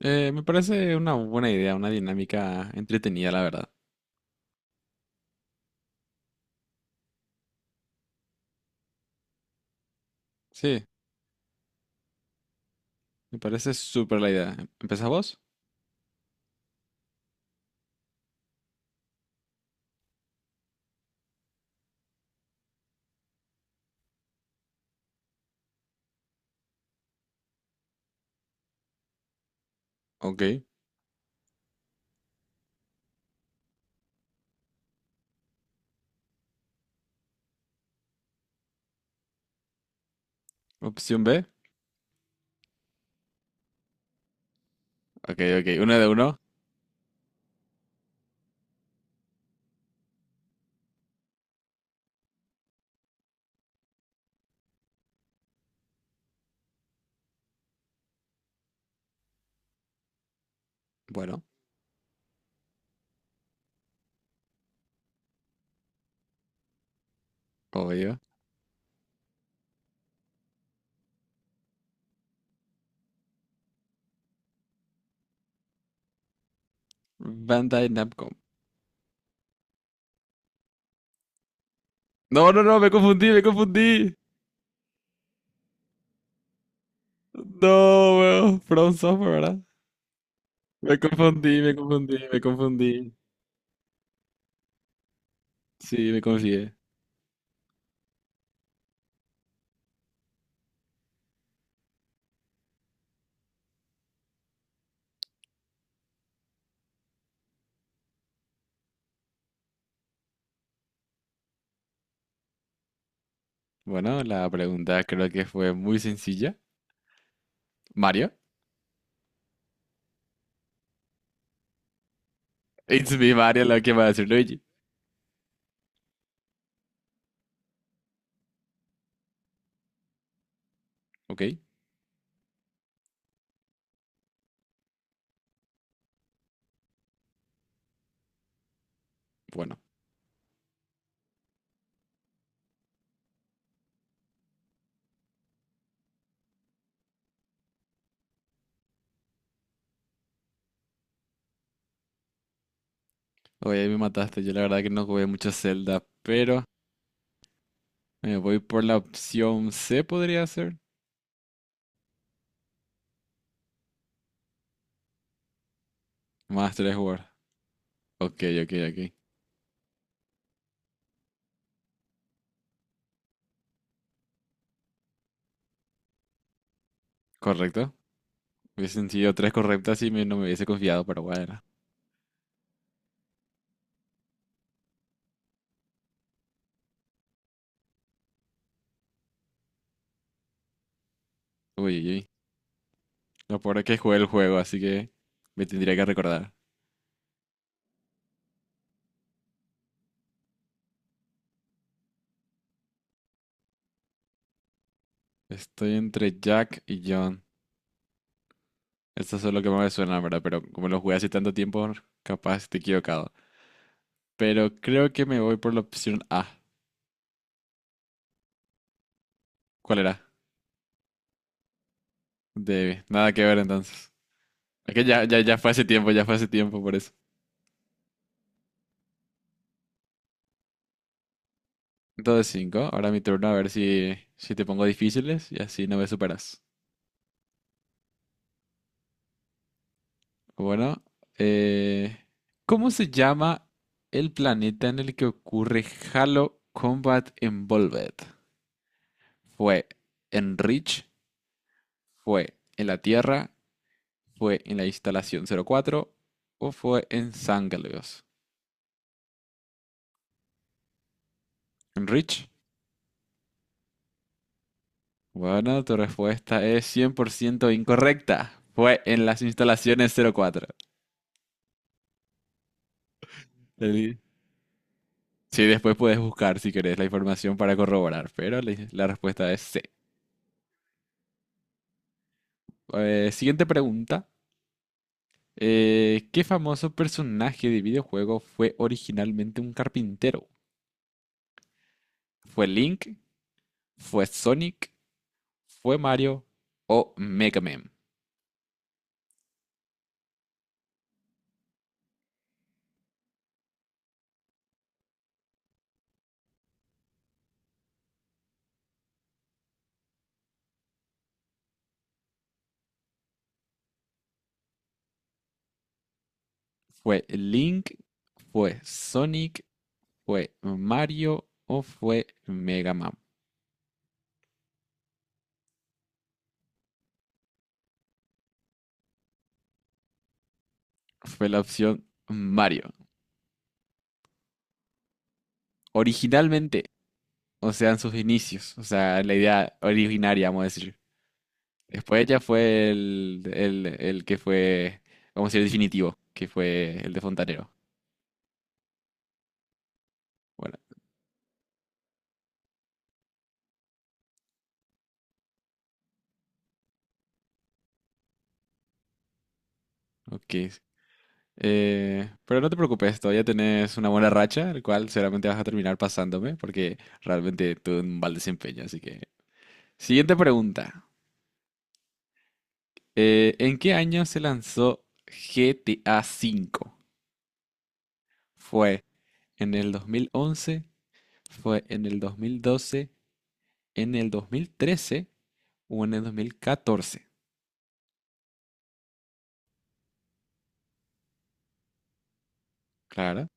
Me parece una buena idea, una dinámica entretenida, la verdad. Sí, me parece súper la idea. ¿Empezás vos? Ok. Opción B. Ok, ok. Uno de uno. Bueno, obvio. Bandai Namco. No, no, no, me confundí, me confundí. No, weón. From Software, ¿verdad? Me confundí, me confundí, me confundí. Sí, me confié. Bueno, la pregunta creo que fue muy sencilla. Mario. It's me, Mario, lo que va a decir Luigi. Ok, bueno. Oye, ahí me mataste. Yo la verdad que no jugué mucho Zelda, pero me voy por la opción C, podría ser. Más tres jugar. Ok, ok, ok. Correcto. Hubiese sido tres correctas y me- no me hubiese confiado, pero bueno. Uy, uy, uy. Lo peor es que jugué el juego, así que me tendría que recordar. Estoy entre Jack y John. Esto es lo que más me suena, ¿verdad? Pero como lo jugué hace tanto tiempo, capaz estoy equivocado. Pero creo que me voy por la opción A. ¿Cuál era? De nada que ver entonces. Es que ya, ya, ya fue hace tiempo, ya fue hace tiempo por eso. Entonces cinco. Ahora mi turno a ver si te pongo difíciles y así no me superas. Bueno, eh, ¿cómo se llama el planeta en el que ocurre Halo Combat Evolved? ¿Fue en Reach? ¿Fue en la Tierra? ¿Fue en la instalación 04? ¿O fue en Sangaleos? ¿En Reach? Bueno, tu respuesta es 100% incorrecta. Fue en las instalaciones 04. Sí, después puedes buscar si querés la información para corroborar, pero la respuesta es C. Siguiente pregunta. ¿Qué famoso personaje de videojuego fue originalmente un carpintero? ¿Fue Link? ¿Fue Sonic? ¿Fue Mario? ¿O Mega Man? ¿Fue Link? ¿Fue Sonic? ¿Fue Mario? ¿O fue Mega Man? Fue la opción Mario. Originalmente, o sea, en sus inicios, o sea, la idea originaria, vamos a decir. Después ya fue el que fue, vamos a decir, el definitivo, que fue el de Fontanero. Bueno, ok. Pero no te preocupes, todavía tenés una buena racha, el cual seguramente vas a terminar pasándome, porque realmente tuve un mal desempeño, así que... Siguiente pregunta. ¿En qué año se lanzó GTA V? ¿Fue en el 2011? ¿Fue en el 2012? ¿En el 2013? ¿O en el 2014? Claro,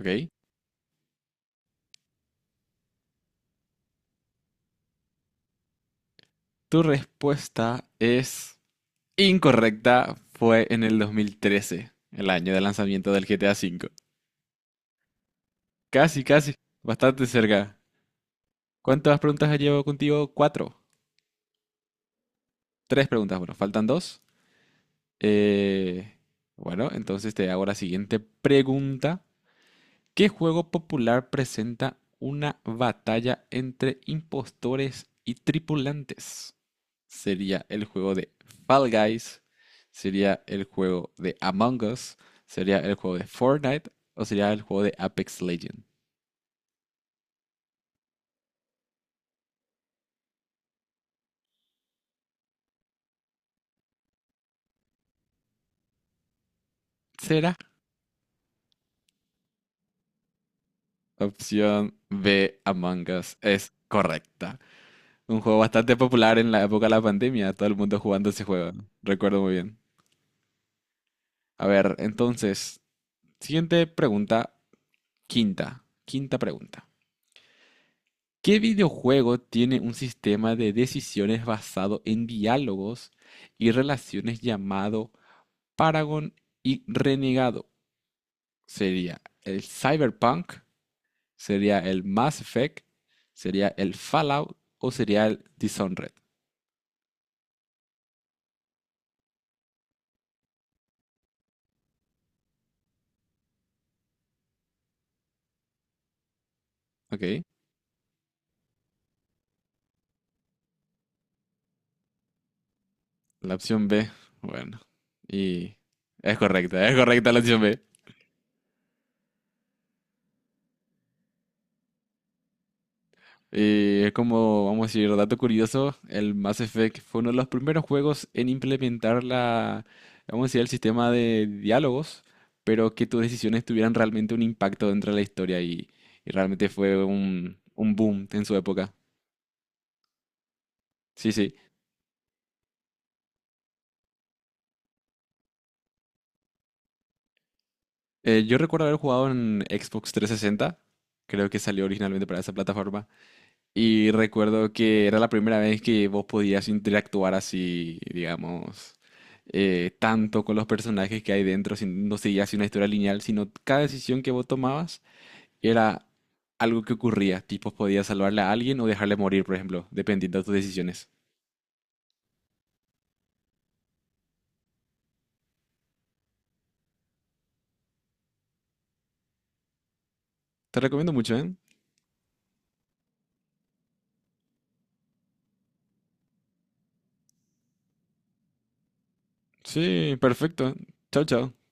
ok. Tu respuesta es incorrecta. Fue en el 2013, el año de lanzamiento del GTA V. Casi, casi. Bastante cerca. ¿Cuántas preguntas llevo contigo? Cuatro. Tres preguntas. Bueno, faltan dos. Eh, bueno, entonces te hago la siguiente pregunta. ¿Qué juego popular presenta una batalla entre impostores y tripulantes? Sería el juego de Fall Guys, sería el juego de Among Us, sería el juego de Fortnite o sería el juego de Apex Legends. ¿Será? Opción B, Among Us, es correcta. Un juego bastante popular en la época de la pandemia, todo el mundo jugando ese juego, ¿no? Recuerdo muy bien. A ver, entonces, siguiente pregunta, quinta, quinta pregunta. ¿Qué videojuego tiene un sistema de decisiones basado en diálogos y relaciones llamado Paragon y Renegado? Sería el Cyberpunk, sería el Mass Effect, sería el Fallout o sería el Dishonored. Ok, la opción B, bueno, y es correcta la opción B. Es como, vamos a decir, dato curioso, el Mass Effect fue uno de los primeros juegos en implementar la, vamos a decir, el sistema de diálogos, pero que tus decisiones tuvieran realmente un impacto dentro de la historia y realmente fue un boom en su época. Sí, sí. Yo recuerdo haber jugado en Xbox 360, creo que salió originalmente para esa plataforma. Y recuerdo que era la primera vez que vos podías interactuar así, digamos, tanto con los personajes que hay dentro, sin- no seguías una historia lineal, sino cada decisión que vos tomabas era algo que ocurría, tipo podías salvarle a alguien o dejarle morir, por ejemplo, dependiendo de tus decisiones. Te recomiendo mucho, ¿eh? Sí, perfecto. Chao, chao.